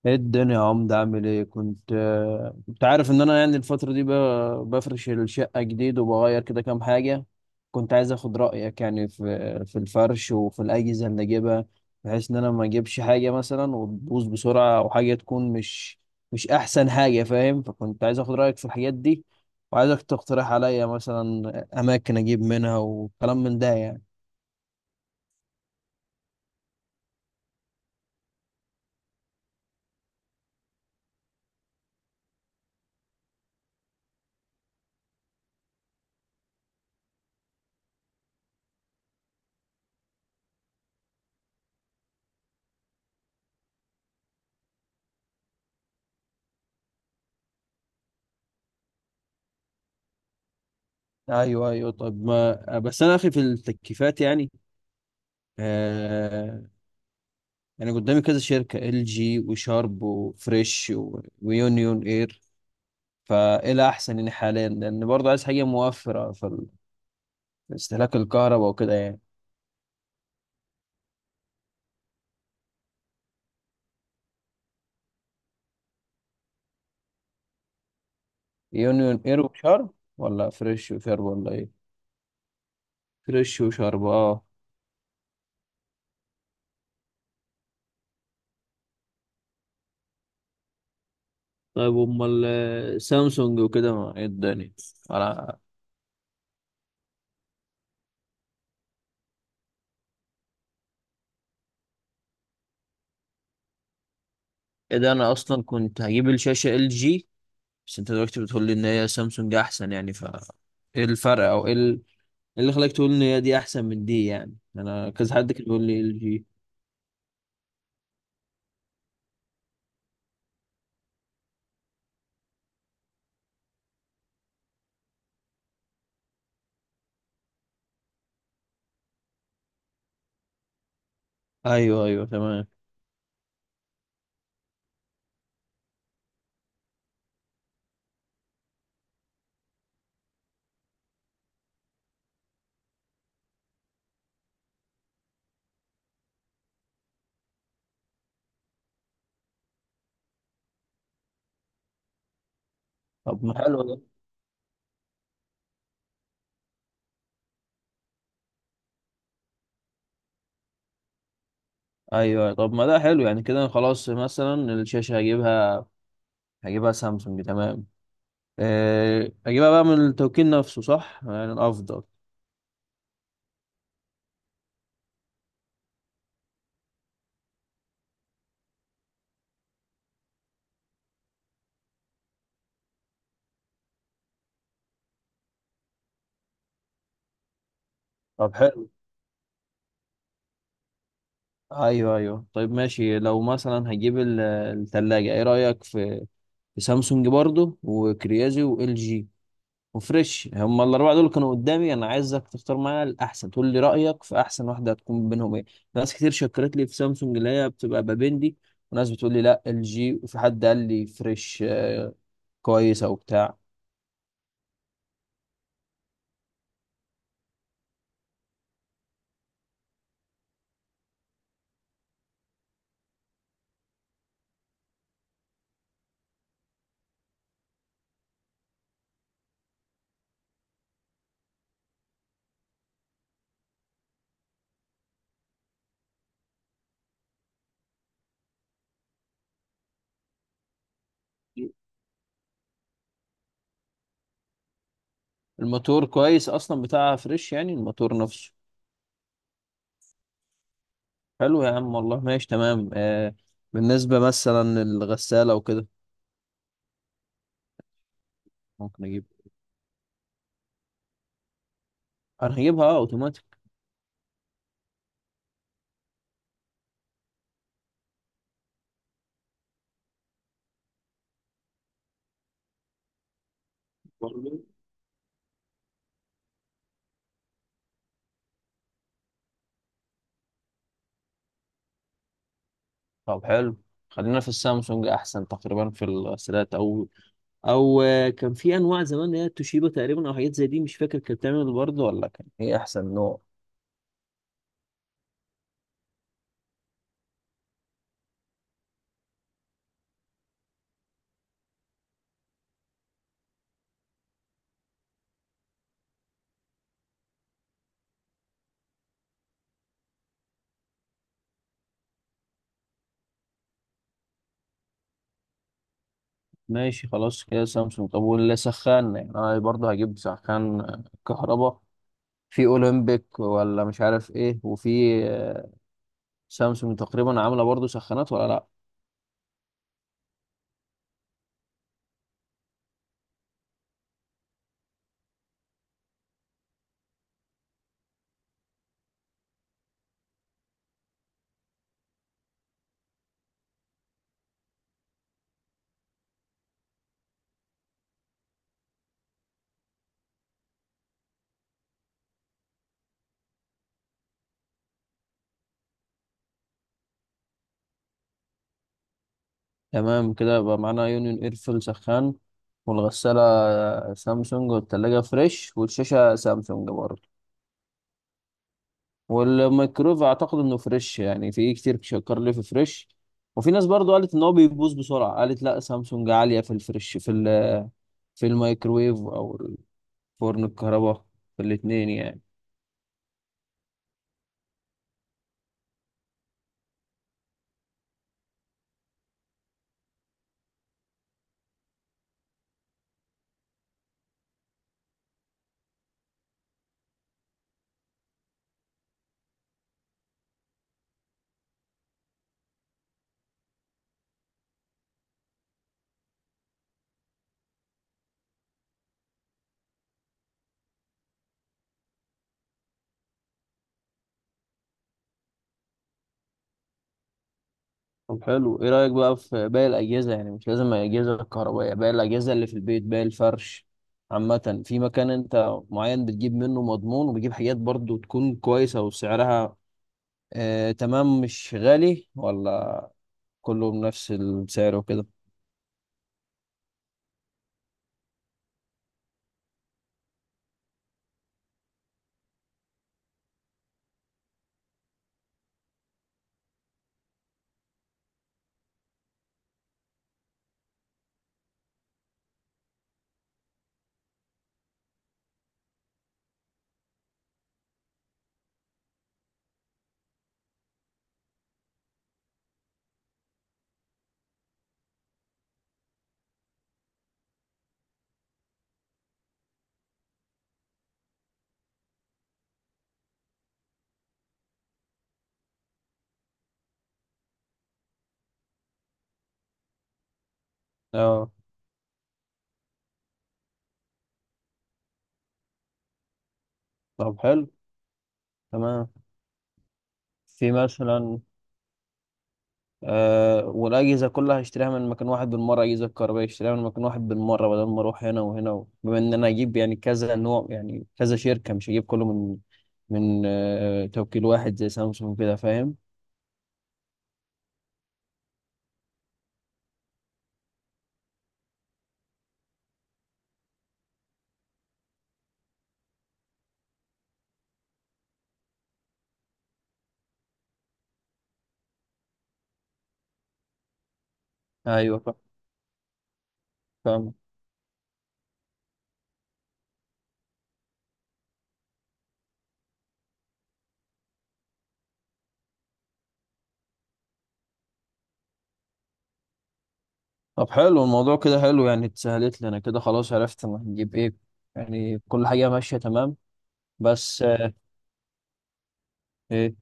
ايه الدنيا يا عمد، عامل ايه؟ كنت كنت عارف ان انا يعني الفترة دي بفرش الشقة جديد وبغير كده كام حاجة. كنت عايز اخد رأيك يعني في في الفرش وفي الأجهزة اللي اجيبها، بحيث ان انا ما اجيبش حاجة مثلا وتبوظ بسرعة او حاجة تكون مش احسن حاجة، فاهم؟ فكنت عايز اخد رأيك في الحاجات دي، وعايزك تقترح عليا مثلا اماكن اجيب منها وكلام من ده يعني. ايوه، ايوه، طب ما بس انا اخي في التكييفات يعني، يعني قدامي كذا شركة، ال جي وشارب وفريش ويونيون اير، فايه الاحسن يعني حاليا؟ لان برضه عايز حاجة موفرة في في استهلاك الكهرباء وكده يعني. يونيون اير وشارب ولا فريش وشارب ولا ايه؟ فريش وشارب، اه. طيب امال سامسونج وكده ما ايه الدنيا؟ انا، ايه ده؟ انا اصلا كنت هجيب الشاشة ال جي، بس انت دلوقتي بتقول لي ان هي سامسونج احسن، يعني ف ايه الفرق؟ او ايه إيه اللي خلاك تقول ان هي دي احسن من دي؟ يعني انا كذا حد كان بيقول لي ال جي. ايوه ايوه تمام. طب ما حلو ده. ايوه، طب ما ده حلو يعني، كده خلاص مثلا الشاشه هجيبها، هجيبها سامسونج، تمام. أه اجيبها بقى من التوكيل نفسه، صح؟ يعني الافضل. طب حلو. ايوه ايوه، طيب ماشي. لو مثلا هجيب التلاجة، ايه رايك في في سامسونج برضو وكريازي وال جي وفريش؟ هم الاربعه دول كانوا قدامي، انا عايزك تختار معايا الاحسن، تقول لي رايك في احسن واحده هتكون بينهم ايه. ناس كتير شكرت لي في سامسونج اللي هي بتبقى بابندي، وناس بتقول لي لا ال جي، وفي حد قال لي فريش كويسه وبتاع. الموتور كويس اصلا بتاع فريش، يعني الموتور نفسه. حلو يا عم والله، ماشي تمام. آه، بالنسبه مثلا الغساله وكده، ممكن اجيب؟ انا هجيبها اوتوماتيك. برضه. طب حلو، خلينا في السامسونج احسن تقريبا في الغسالات. او او كان في انواع زمان اللي هي توشيبا تقريبا او حاجات زي دي، مش فاكر كانت بتعمل برضه ولا كان ايه احسن نوع. ماشي خلاص كده سامسونج. طب واللي سخان، يعني انا برضه هجيب سخان كهربا. في اولمبيك ولا مش عارف ايه، وفي آه، سامسونج تقريبا عامله برضه سخانات ولا لا؟ تمام كده يبقى معانا يونيون ايرفل سخان، والغساله سامسونج، والتلاجة فريش، والشاشه سامسونج برضه. والميكرويف اعتقد انه فريش، يعني في كتير شكر لي في فريش. وفي ناس برضو قالت ان هو بيبوظ بسرعه، قالت لا سامسونج عاليه في الفريش في في الميكرويف او الفرن الكهرباء، في الاتنين يعني. طب حلو، ايه رايك بقى في باقي الاجهزه؟ يعني مش لازم الاجهزه الكهربائيه، باقي الاجهزه اللي في البيت، باقي الفرش عامه. في مكان انت معين بتجيب منه مضمون، وبتجيب حاجات برضو تكون كويسه وسعرها آه تمام مش غالي، ولا كله بنفس السعر وكده؟ اه. طب حلو، تمام. في مثلا آه، والأجهزة كلها هشتريها من مكان واحد بالمرة، أجهزة كهربائية هشتريها من مكان واحد بالمرة، بدل ما أروح هنا وهنا بما إن أنا أجيب يعني كذا نوع، يعني كذا شركة، مش هجيب كله من توكيل واحد زي سامسونج كده، فاهم؟ أيوه، فاهم. طب حلو الموضوع كده، حلو يعني، اتسهلت لنا كده خلاص، عرفت أنا هنجيب إيه. يعني كل حاجة ماشية تمام. بس إيه؟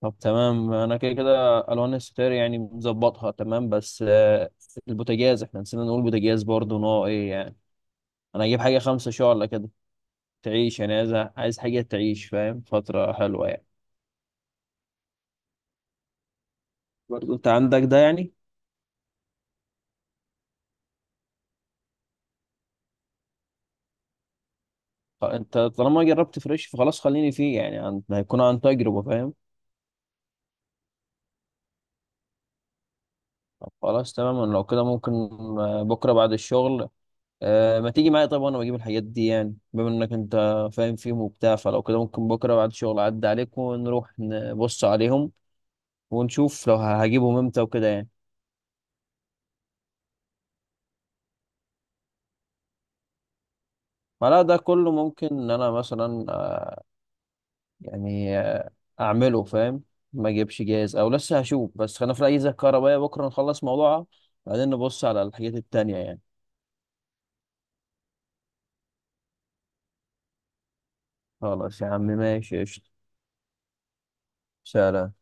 طب تمام، انا كده كده الوان الستاير يعني مظبطها تمام. بس البوتاجاز احنا نسينا نقول، بوتاجاز برضه نوع ايه يعني؟ انا هجيب حاجه 5 شعلة كده، تعيش يعني. عايز، عايز حاجه تعيش، فاهم؟ فتره حلوه يعني. برضه انت عندك ده يعني؟ انت طالما جربت فريش فخلاص خليني فيه، يعني هيكون عن تجربه، فاهم؟ طب خلاص تمام. أنا لو كده ممكن بكره بعد الشغل، أه، ما تيجي معايا طيب وانا بجيب الحاجات دي؟ يعني بما انك انت فاهم فيهم وبتاع، فلو كده ممكن بكره بعد الشغل اعدي عليك ونروح نبص عليهم، ونشوف لو هجيبهم امتى وكده يعني. فلا ده كله ممكن ان انا مثلا يعني اعمله، فاهم؟ ما اجيبش جاهز، او لسه هشوف، بس خلينا في الاجهزه الكهربائيه بكره نخلص موضوعها، بعدين نبص على الحاجات التانية يعني. خلاص يا عم، ماشي، قشطة. سلام.